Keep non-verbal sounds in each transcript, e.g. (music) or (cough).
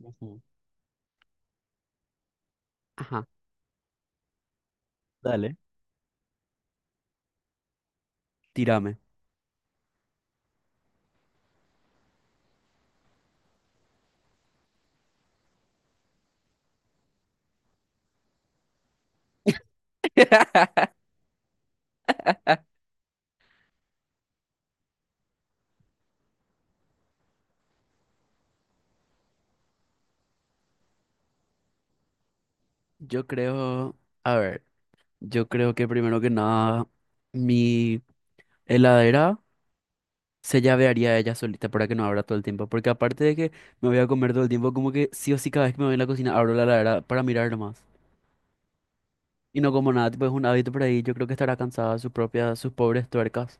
Ujú. Ajá. Dale, tírame. (laughs) Yo creo, a ver, yo creo que primero que nada, mi heladera se llavearía ella solita para que no abra todo el tiempo, porque aparte de que me voy a comer todo el tiempo, como que sí o sí cada vez que me voy a la cocina abro la heladera para mirar nomás. Y no como nada, tipo es un hábito por ahí, yo creo que estará cansada de sus propias, sus pobres tuercas.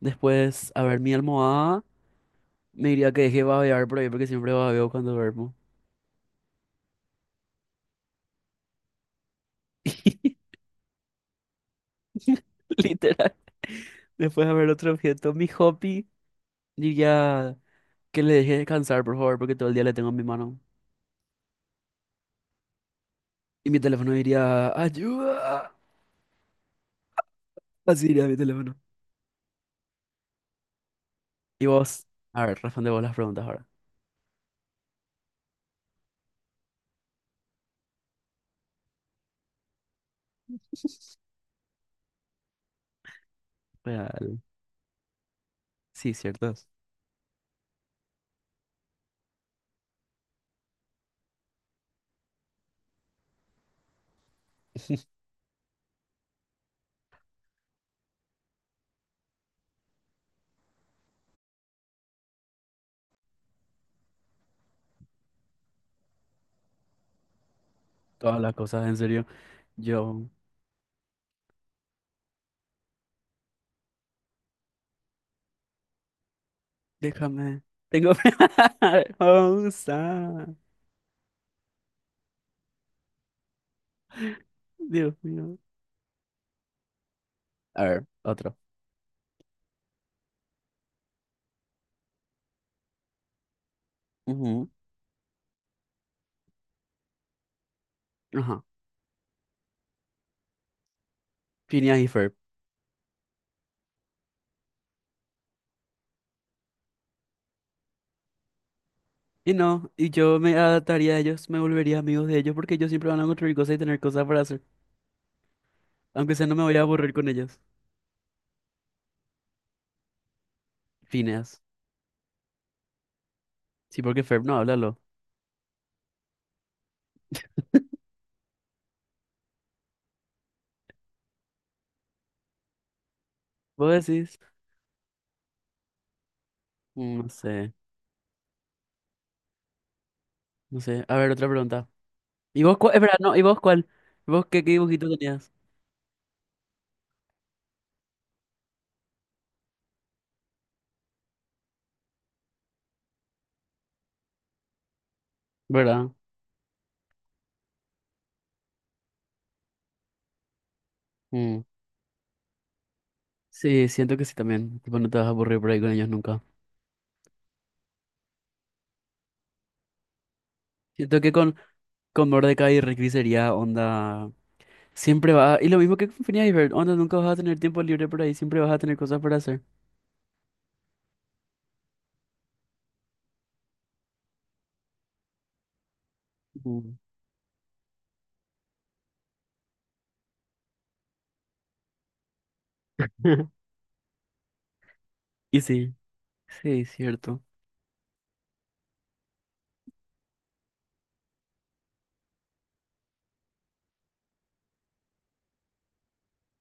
Después, a ver, mi almohada me diría que deje babear por ahí porque siempre babeo cuando duermo. (laughs) (laughs) Literal. Después de ver otro objeto, mi hobby diría que le deje descansar, por favor, porque todo el día le tengo en mi mano. Y mi teléfono diría, ayuda. Así diría mi teléfono. Y vos, a ver, responde vos las preguntas ahora. Real. Sí, ciertas. Todas las cosas, en serio. Yo, déjame. Tengo. (laughs) Pausa. Dios mío. A ver, otro. Ujú. Ajá. Phineas y Ferb. Y no, y yo me adaptaría a ellos, me volvería amigos de ellos porque ellos siempre van a construir cosas y tener cosas para hacer. Aunque sea, no me voy a aburrir con ellos. Phineas. Sí, porque Ferb no, háblalo. Vos decís, no sé, no sé. A ver, otra pregunta. ¿Y vos cuál? Espera, no, ¿y vos cuál? ¿Y vos qué, dibujito tenías? ¿Verdad? Mm. Sí, siento que sí también. Tipo, no te vas a aburrir por ahí con ellos nunca. Siento que con Mordecai y Rigby sería onda. Siempre va. Y lo mismo que con Phineas y Ferb, onda, nunca vas a tener tiempo libre por ahí. Siempre vas a tener cosas para hacer. Ujú. (laughs) Y sí, sí, cierto.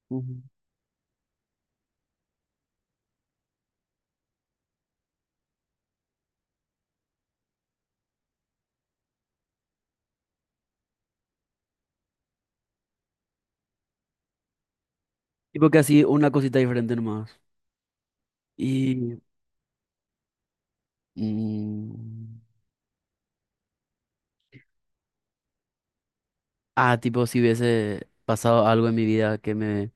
Ujú. Tipo que así una cosita diferente nomás. Y Mm, ah, tipo, si hubiese pasado algo en mi vida que me...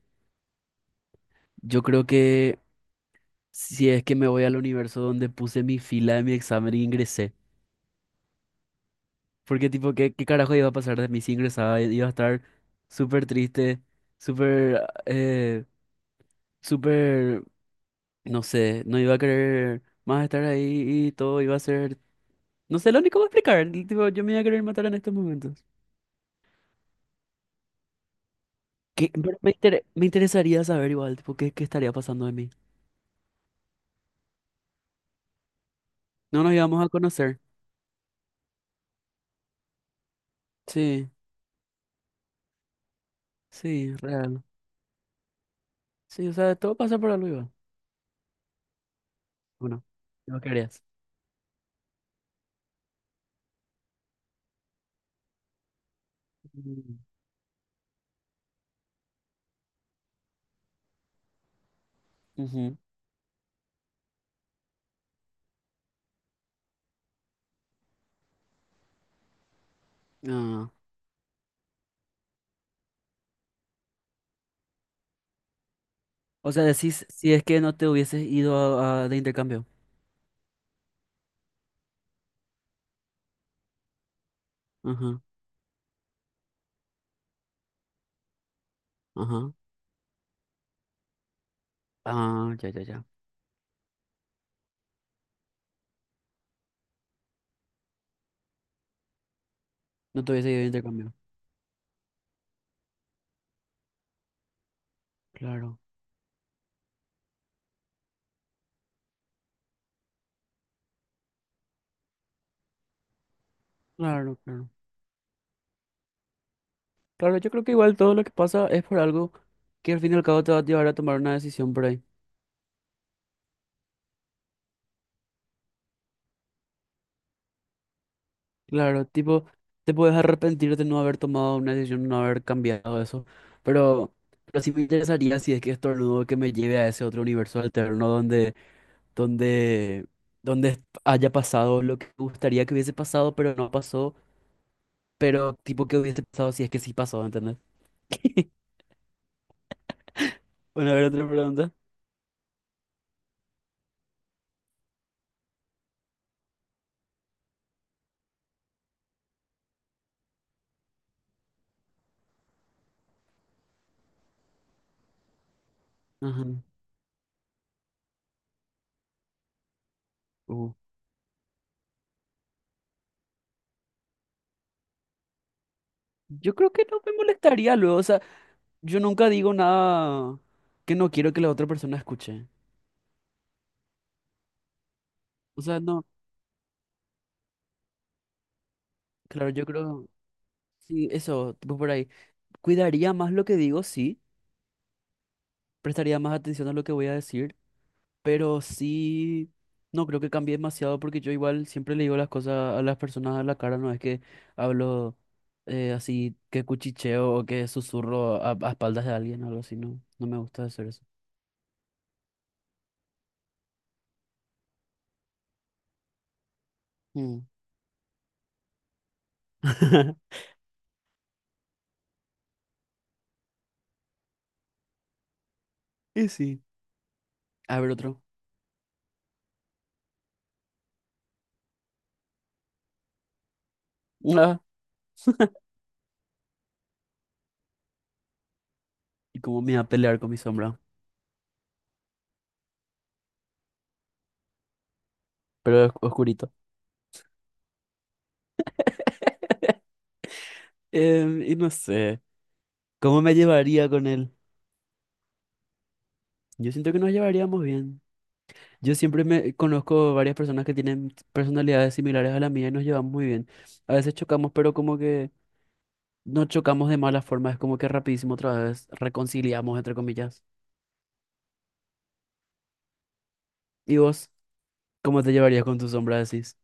Yo creo que si es que me voy al universo donde puse mi fila de mi examen y ingresé. Porque tipo, ¿qué carajo iba a pasar de mí si ingresaba? Iba a estar súper triste, súper, ah, eh, súper, no sé, no iba a querer más estar ahí y todo iba a ser... No sé, lo único que voy a explicar, el tipo, yo me iba a querer matar en estos momentos. Pero me interesaría saber igual, tipo, qué estaría pasando de mí. No nos íbamos a conocer. Sí, sí, real. Sí, o sea, todo pasa por algo, Iván. Bueno, no querías. Mm. Ujú. Ah. O sea, decís si es que no te hubieses ido de intercambio. Ajá, ajá. Ah, ya, ya, ya. No te hubieses ido de intercambio. Claro, claro, claro. Claro, yo creo que igual todo lo que pasa es por algo que al fin y al cabo te va a llevar a tomar una decisión por ahí. Claro, tipo, te puedes arrepentir de no haber tomado una decisión, no haber cambiado eso, pero, pero sí me interesaría si es que estornudo que me lleve a ese otro universo alterno donde, donde haya pasado lo que me gustaría que hubiese pasado, pero no pasó, pero tipo que hubiese pasado si es que sí pasó, ¿entendés? (laughs) Bueno, a ver, otra pregunta. Ajá. Uh. Yo creo que no me molestaría luego, o sea, yo nunca digo nada que no quiero que la otra persona escuche. O sea, no, claro, yo creo. Sí, eso, tipo por ahí. Cuidaría más lo que digo, sí. Prestaría más atención a lo que voy a decir, pero sí, no creo que cambie demasiado porque yo igual siempre le digo las cosas a las personas a la cara, no es que hablo así que cuchicheo o que susurro a espaldas de alguien o algo así, no, no me gusta hacer eso. Mm. (laughs) Y sí, a ver otro. Ah, y cómo me iba a pelear con mi sombra, pero es oscurito. Y no sé, ¿cómo me llevaría con él? Yo siento que nos llevaríamos bien. Yo siempre me conozco varias personas que tienen personalidades similares a la mía y nos llevamos muy bien. A veces chocamos, pero como que no chocamos de mala forma, es como que rapidísimo otra vez reconciliamos, entre comillas. ¿Y vos cómo te llevarías con tu sombra, decís?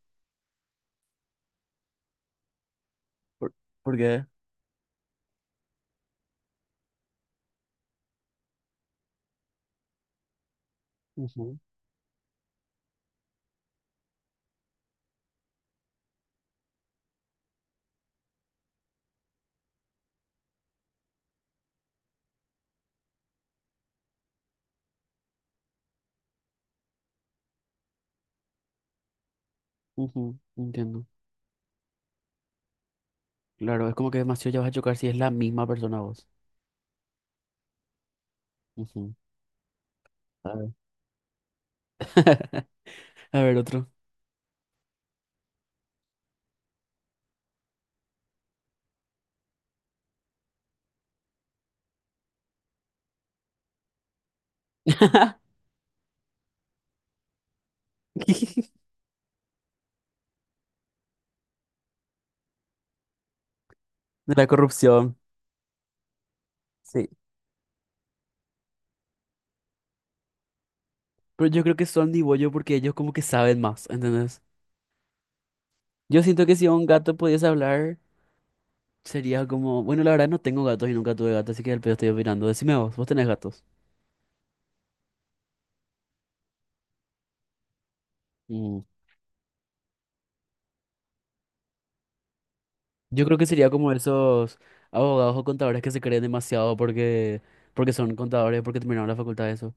¿Por, por qué? Ujú, ujú, entiendo. Claro, es como que demasiado ya vas a chocar si es la misma persona vos. Ujú. A ver. (laughs) A ver, otro. (laughs) De la corrupción. Sí. Pero yo creo que son ni bollo porque ellos como que saben más, ¿entendés? Yo siento que si un gato pudiese hablar, sería como, bueno, la verdad no tengo gatos y nunca tuve gatos, así que al pedo estoy opinando. Decime vos, vos tenés gatos. Mm. Yo creo que sería como esos abogados o contadores que se creen demasiado porque son contadores, porque terminaron la facultad de eso.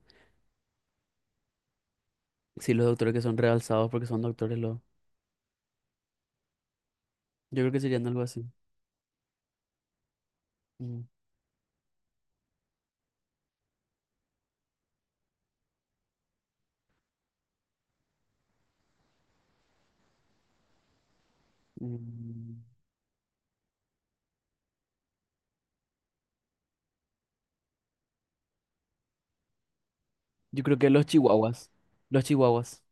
Sí, los doctores que son realzados porque son doctores. Yo creo que serían algo así. Mm. Mm. Yo creo que los chihuahuas. Los chihuahuas.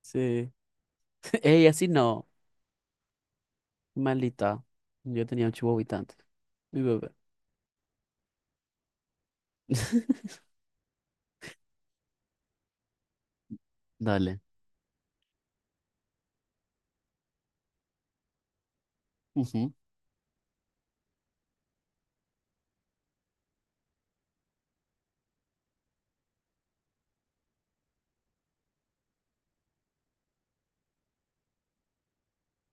Sí. (laughs) Ey, así no. Maldita. Yo tenía un chihuahuita antes. Mi bebé. (laughs) Dale. Ujú.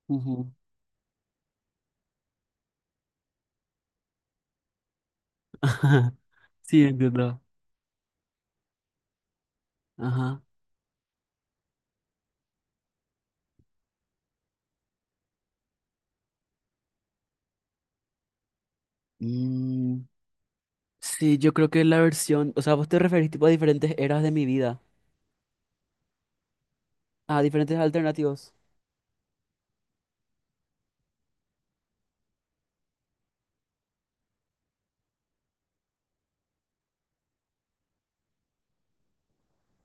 Ujú. (laughs) Ajá. Sí, entiendo. Ajá. Mm, sí, yo creo que la versión, o sea, vos te referís tipo a diferentes eras de mi vida, a diferentes alternativos.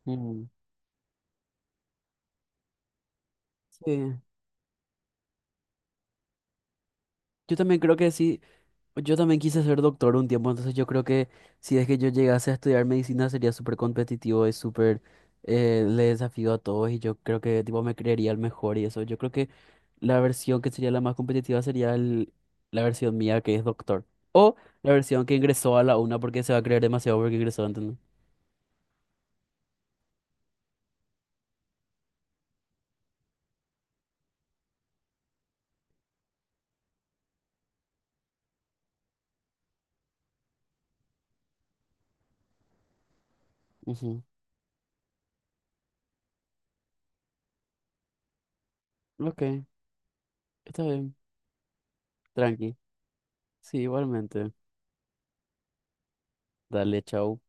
Mm. Sí. Yo también creo que sí, yo también quise ser doctor un tiempo, entonces yo creo que si es que yo llegase a estudiar medicina sería súper competitivo y súper le desafío a todos y yo creo que tipo me creería el mejor y eso. Yo creo que la versión que sería la más competitiva sería la versión mía que es doctor. O la versión que ingresó a la una porque se va a creer demasiado porque ingresó, ¿entendés? Ujú. Ok, está bien. Tranqui. Sí, igualmente. Dale, chao.